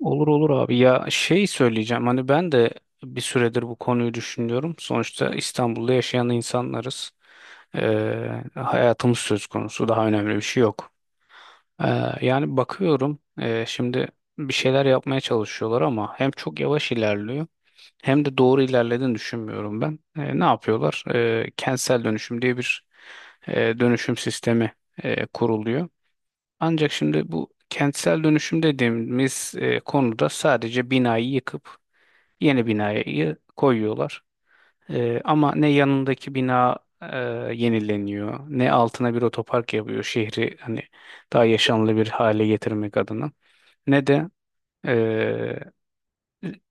Olur olur abi ya şey söyleyeceğim hani ben de bir süredir bu konuyu düşünüyorum. Sonuçta İstanbul'da yaşayan insanlarız. Hayatımız söz konusu, daha önemli bir şey yok. Ee, Yani bakıyorum, şimdi bir şeyler yapmaya çalışıyorlar ama hem çok yavaş ilerliyor hem de doğru ilerlediğini düşünmüyorum ben. Ne yapıyorlar? Kentsel dönüşüm diye bir dönüşüm sistemi kuruluyor. Ancak şimdi bu kentsel dönüşüm dediğimiz konuda sadece binayı yıkıp yeni binayı koyuyorlar. Ama ne yanındaki bina yenileniyor, ne altına bir otopark yapıyor şehri hani daha yaşanlı bir hale getirmek adına, ne de e,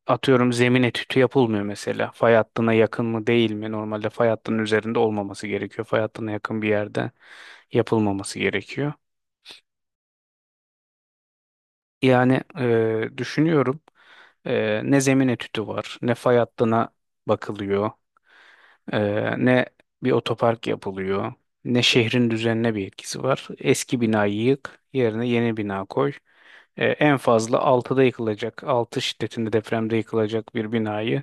atıyorum zemin etüdü yapılmıyor mesela. Fay hattına yakın mı değil mi? Normalde fay hattının üzerinde olmaması gerekiyor. Fay hattına yakın bir yerde yapılmaması gerekiyor. Yani, düşünüyorum, ne zemin etüdü var, ne fay hattına bakılıyor, e, ne bir otopark yapılıyor, ne şehrin düzenine bir etkisi var. Eski binayı yık, yerine yeni bina koy. En fazla altıda yıkılacak, 6 şiddetinde depremde yıkılacak bir binayı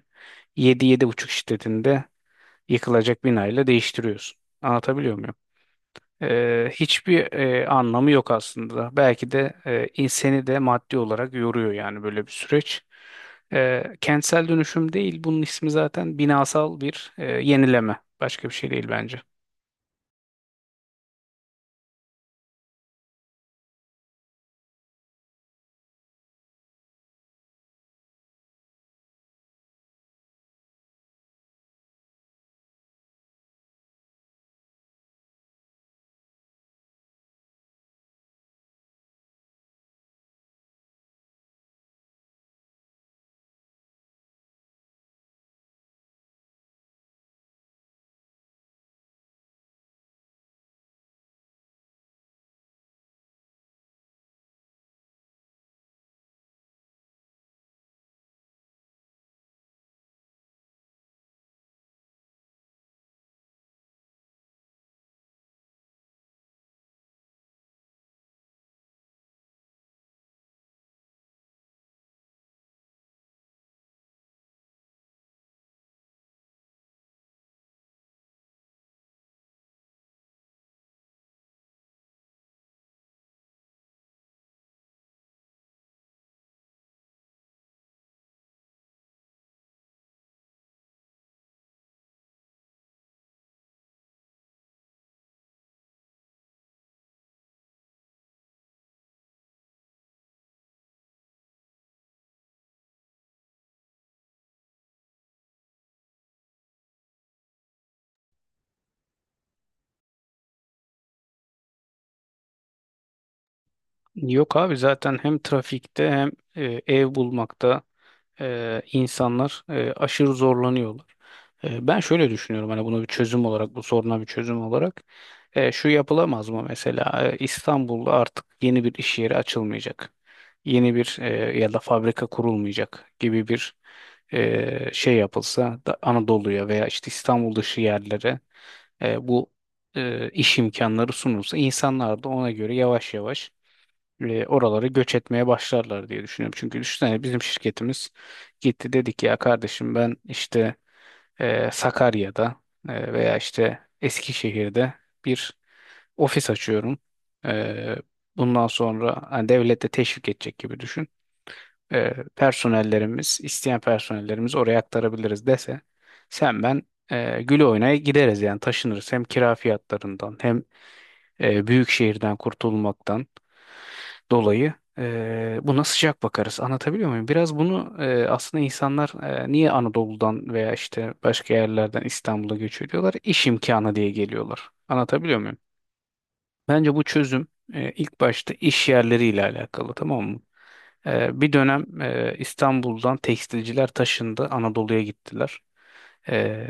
yedi yedi buçuk şiddetinde yıkılacak binayla değiştiriyorsun. Anlatabiliyor muyum? Hiçbir anlamı yok aslında. Belki de inseni de maddi olarak yoruyor yani, böyle bir süreç. Kentsel dönüşüm değil, bunun ismi zaten binasal bir yenileme. Başka bir şey değil bence. Yok abi, zaten hem trafikte hem ev bulmakta insanlar aşırı zorlanıyorlar. Ben şöyle düşünüyorum, hani bunu bir çözüm olarak, bu soruna bir çözüm olarak, şu yapılamaz mı mesela: İstanbul'da artık yeni bir iş yeri açılmayacak. Yeni bir, ya da fabrika kurulmayacak gibi bir şey yapılsa da, Anadolu'ya veya işte İstanbul dışı yerlere bu iş imkanları sunulsa, insanlar da ona göre yavaş yavaş oraları göç etmeye başlarlar diye düşünüyorum. Çünkü düşünsene, bizim şirketimiz gitti dedik ya, kardeşim ben işte Sakarya'da veya işte Eskişehir'de bir ofis açıyorum. E, Bundan sonra hani devlet de teşvik edecek gibi düşün. Personellerimiz, isteyen personellerimiz oraya aktarabiliriz dese, sen ben gül oynaya gideriz yani, taşınırız hem kira fiyatlarından hem büyük şehirden kurtulmaktan dolayı buna sıcak bakarız. Anlatabiliyor muyum? Biraz bunu, aslında insanlar niye Anadolu'dan veya işte başka yerlerden İstanbul'a göç ediyorlar? İş imkanı diye geliyorlar. Anlatabiliyor muyum? Bence bu çözüm, ilk başta iş yerleriyle alakalı, tamam mı? Bir dönem İstanbul'dan tekstilciler taşındı, Anadolu'ya gittiler. E,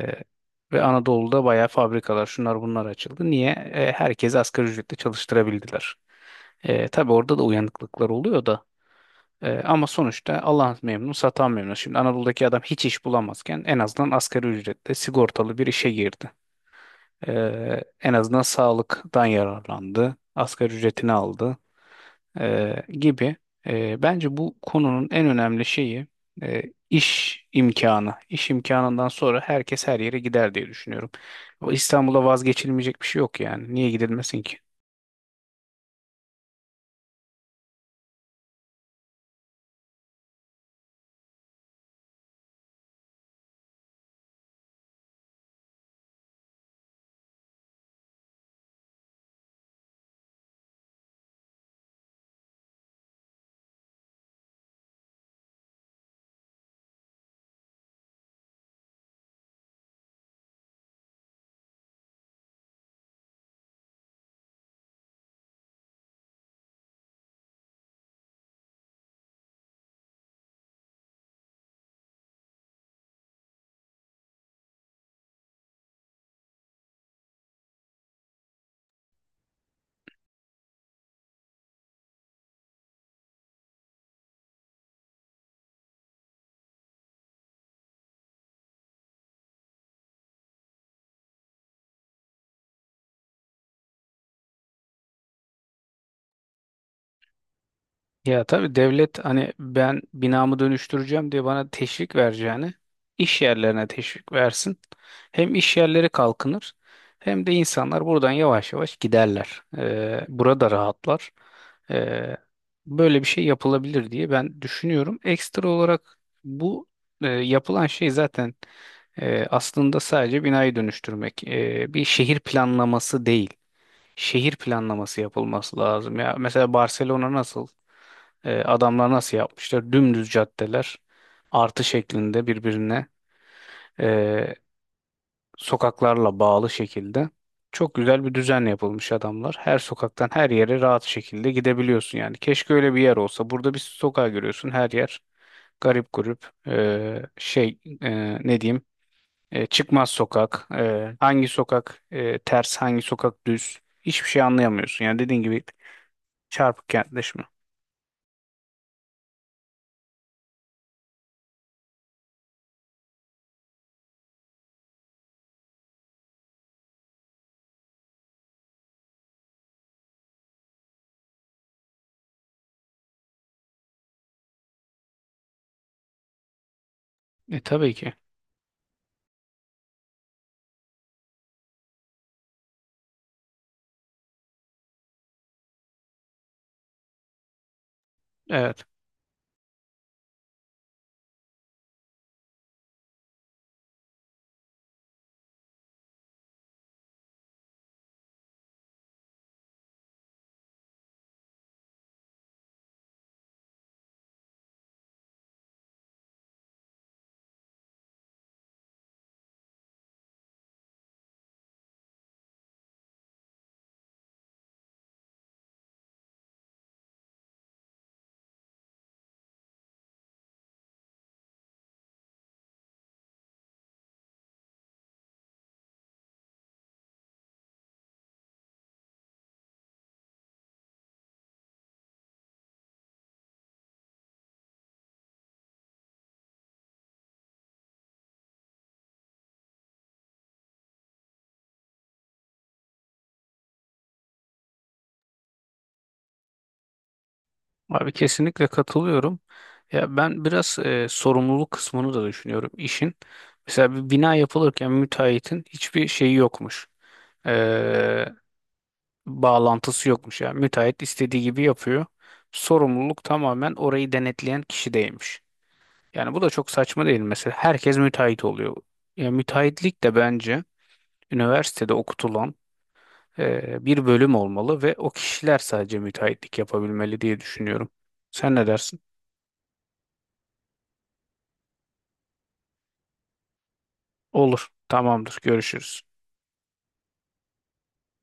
Ve Anadolu'da bayağı fabrikalar, şunlar bunlar açıldı. Niye? Herkesi asgari ücretle çalıştırabildiler. Tabii orada da uyanıklıklar oluyor da. Ama sonuçta Allah memnun, satan memnun. Şimdi Anadolu'daki adam hiç iş bulamazken en azından asgari ücretle sigortalı bir işe girdi. En azından sağlıktan yararlandı, asgari ücretini aldı gibi. Bence bu konunun en önemli şeyi, e, iş imkanı. İş imkanından sonra herkes her yere gider diye düşünüyorum. O İstanbul'a vazgeçilmeyecek bir şey yok yani. Niye gidilmesin ki? Ya tabii, devlet hani ben binamı dönüştüreceğim diye bana teşvik vereceğini iş yerlerine teşvik versin. Hem iş yerleri kalkınır hem de insanlar buradan yavaş yavaş giderler. Burada rahatlar. Ee, Böyle bir şey yapılabilir diye ben düşünüyorum. Ekstra olarak, bu yapılan şey zaten aslında sadece binayı dönüştürmek. Bir şehir planlaması değil. Şehir planlaması yapılması lazım. Ya mesela Barcelona nasıl? Adamlar nasıl yapmışlar? Dümdüz caddeler, artı şeklinde birbirine e, sokaklarla bağlı şekilde. Çok güzel bir düzen yapılmış adamlar. Her sokaktan her yere rahat şekilde gidebiliyorsun yani. Keşke öyle bir yer olsa. Burada bir sokağa görüyorsun, her yer garip grup, şey, ne diyeyim, çıkmaz sokak, hangi sokak, ters, hangi sokak düz, hiçbir şey anlayamıyorsun yani, dediğin gibi çarpık kentleşme. Tabii ki. Evet. Abi, kesinlikle katılıyorum. Ya ben biraz sorumluluk kısmını da düşünüyorum işin. Mesela bir bina yapılırken müteahhitin hiçbir şeyi yokmuş. E, Bağlantısı yokmuş. Yani müteahhit istediği gibi yapıyor. Sorumluluk tamamen orayı denetleyen kişideymiş. Yani bu da çok saçma değil mi? Mesela, herkes müteahhit oluyor. Ya müteahhitlik de bence üniversitede okutulan bir bölüm olmalı ve o kişiler sadece müteahhitlik yapabilmeli diye düşünüyorum. Sen ne dersin? Olur. Tamamdır. Görüşürüz.